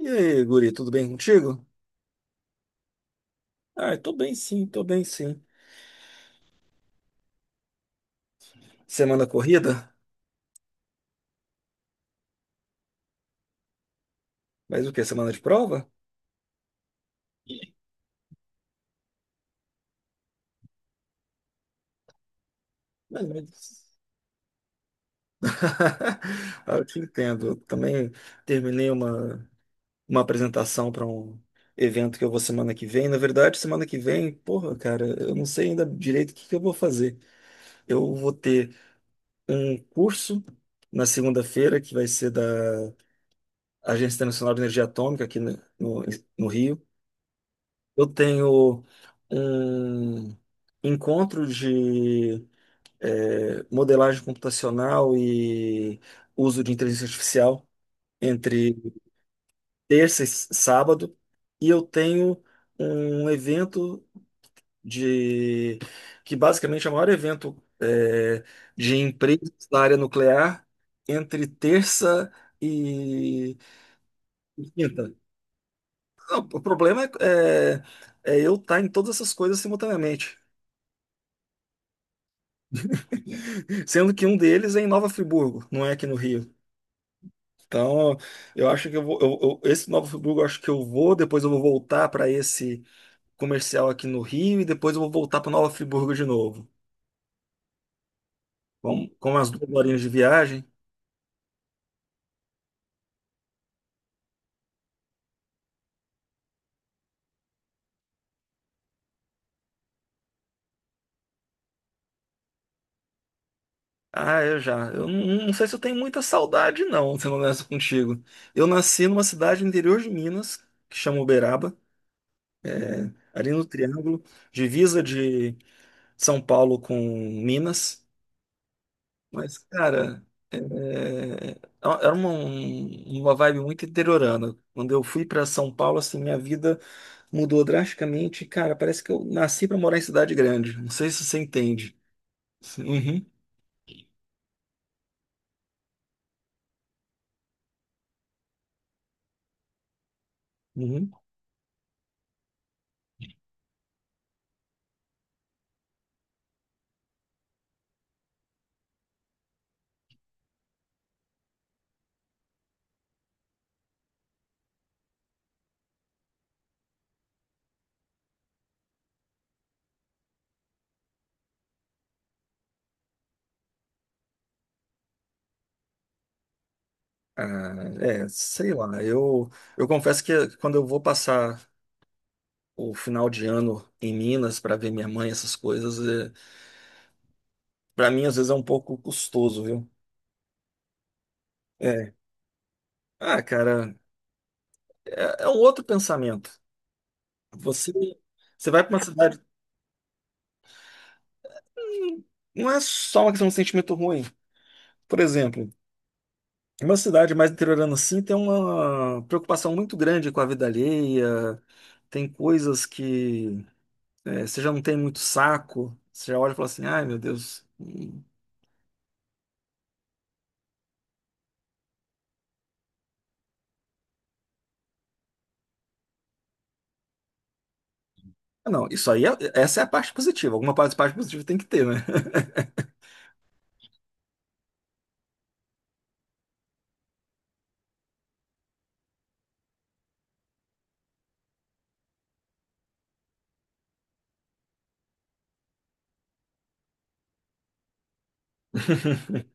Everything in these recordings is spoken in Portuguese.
E aí, guri, tudo bem contigo? Ah, tô bem sim, tô bem sim. Semana corrida? Mas o quê? Semana de prova? Mas- mas- Ah, eu te entendo. Eu também terminei uma apresentação para um evento que eu vou semana que vem. Na verdade, semana que vem, porra, cara, eu não sei ainda direito o que que eu vou fazer. Eu vou ter um curso na segunda-feira, que vai ser da Agência Internacional de Energia Atômica aqui no no Rio. Eu tenho um encontro de modelagem computacional e uso de inteligência artificial entre terça e sábado, e eu tenho um evento de que basicamente é o maior evento eh, de empresas da área nuclear entre terça e e quinta. Não, o problema é é eu estar em todas essas coisas simultaneamente. Sendo que um deles é em Nova Friburgo, não é aqui no Rio. Então, eu acho que eu vou, esse Nova Friburgo, eu acho que eu vou, depois eu vou voltar para esse comercial aqui no Rio e depois eu vou voltar para Nova Friburgo de novo. Vamos, com as duas horinhas de viagem. Ah, eu já. Eu não, não sei se eu tenho muita saudade, não, sendo honesto contigo. Eu nasci numa cidade no interior de Minas, que chama Uberaba, ali no Triângulo, divisa de São Paulo com Minas. Mas, cara, era uma vibe muito interiorana. Quando eu fui para São Paulo, assim, minha vida mudou drasticamente. Cara, parece que eu nasci para morar em cidade grande. Não sei se você entende. Uhum, uhum. Ah, é, sei lá. Eu confesso que quando eu vou passar o final de ano em Minas para ver minha mãe, essas coisas, é, para mim às vezes é um pouco custoso, viu? É. Ah, cara, é um outro pensamento. Você, você vai para uma cidade. Não é só uma questão de sentimento ruim. Por exemplo, uma cidade mais interiorana assim tem uma preocupação muito grande com a vida alheia, tem coisas que é, você já não tem muito saco, você já olha e fala assim, ai meu Deus. Hum. Não, isso aí, é, essa é a parte positiva. Alguma parte, parte positiva tem que ter, né?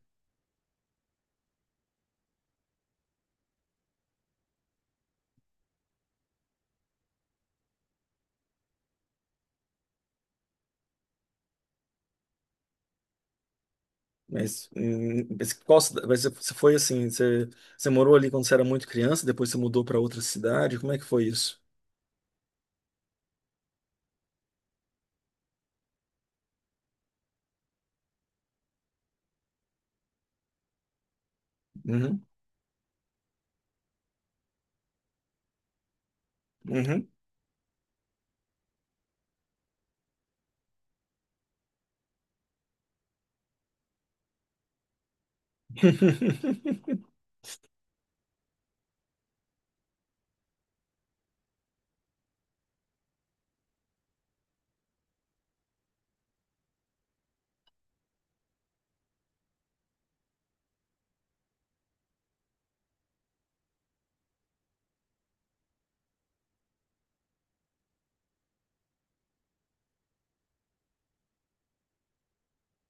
Mas qual, mas você foi assim, você morou ali quando você era muito criança, depois você mudou para outra cidade, como é que foi isso? Uhum, uhum.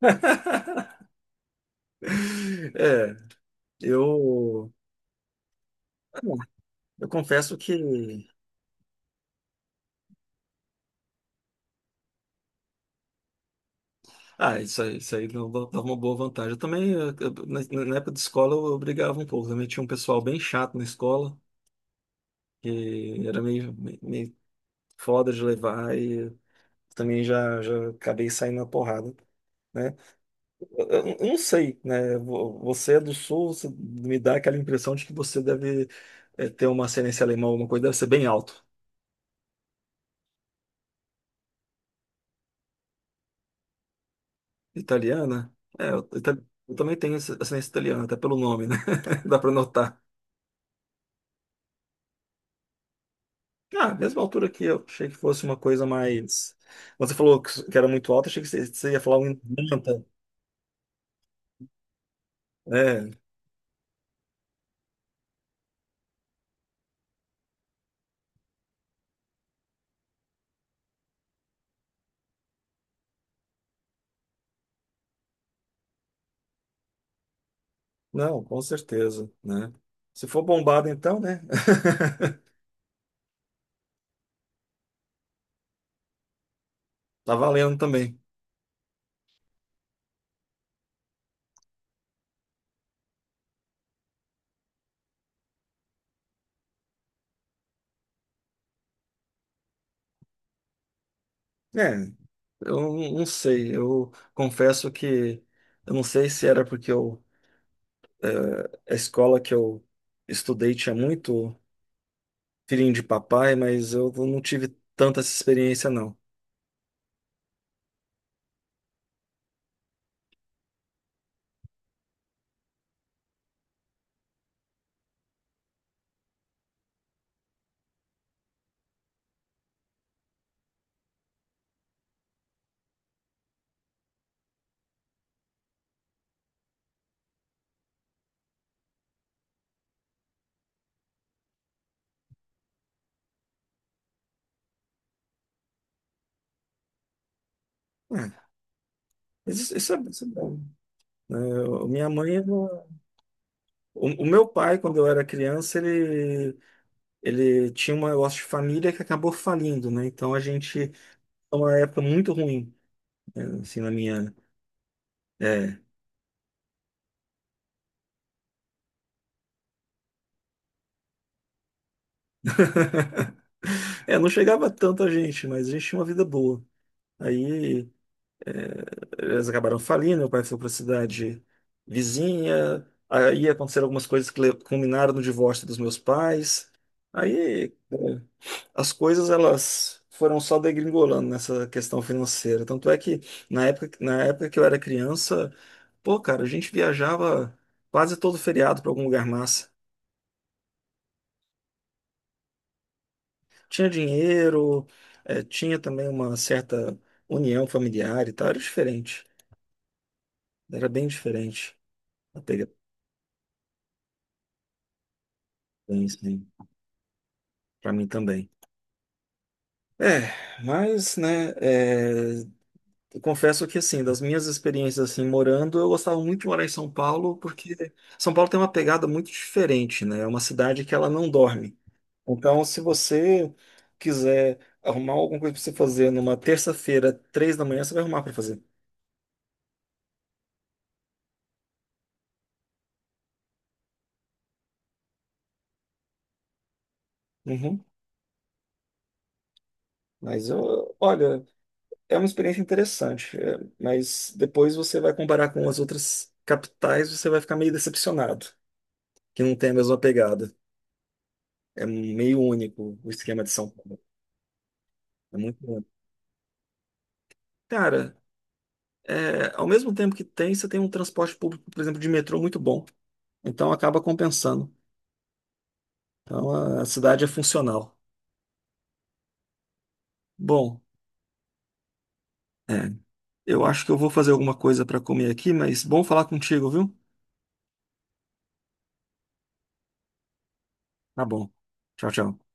É, eu, ah, eu confesso que ah, isso aí não dava uma boa vantagem. Eu também, na na época de escola, eu brigava um pouco. Também tinha um pessoal bem chato na escola, que era meio meio foda de levar, e também já, já acabei saindo na porrada, né? Eu não sei, né? Você é do Sul, você me dá aquela impressão de que você deve ter uma ascendência alemã, alguma coisa, deve ser bem alto. Italiana? Eu também tenho essa- ascendência italiana, até pelo nome, né? Dá pra notar. Ah, mesma altura que eu, achei que fosse uma coisa mais. Você falou que era muito alta, achei que você ia falar um manta. É, não, com certeza, né? Se for bombada, então, né? Tá valendo também. É, eu não sei, eu confesso que eu não sei se era porque a escola que eu estudei tinha muito filhinho de papai, mas eu não tive tanta essa experiência, não. É, mas isso é bom. Né? Minha mãe, o meu pai, quando eu era criança, ele tinha um negócio de família que acabou falindo, né? Então a gente, é uma época muito ruim, né? Assim, na minha. É. É, não chegava tanto a gente, mas a gente tinha uma vida boa. Aí é, eles acabaram falindo, meu pai foi para a cidade vizinha, aí aconteceram algumas coisas que culminaram no divórcio dos meus pais. Aí, é, as coisas elas foram só degringolando nessa questão financeira. Tanto é que na época que eu era criança, pô, cara, a gente viajava quase todo feriado para algum lugar massa. Tinha dinheiro, eh, tinha também uma certa união familiar e tal. Era diferente. Era bem diferente a pegada, assim, para mim também. É, mas, né, eh, Eu confesso que, assim, das minhas experiências, assim, morando, eu gostava muito de morar em São Paulo, porque São Paulo tem uma pegada muito diferente, né? É uma cidade que ela não dorme. Então, se você quiser arrumar alguma coisa para você fazer numa terça-feira, 3 da manhã, você vai arrumar para fazer. Uhum. Olha, é uma experiência interessante, é, mas depois você vai comparar com as outras capitais, você vai ficar meio decepcionado, que não tem a mesma pegada. É meio único o esquema de São Paulo. É muito único. Cara, é, ao mesmo tempo que tem, você tem um transporte público, por exemplo, de metrô muito bom. Então acaba compensando. Então a cidade é funcional. Bom, é, eu acho que eu vou fazer alguma coisa para comer aqui, mas bom falar contigo, viu? Tá bom. Tchau, tchau.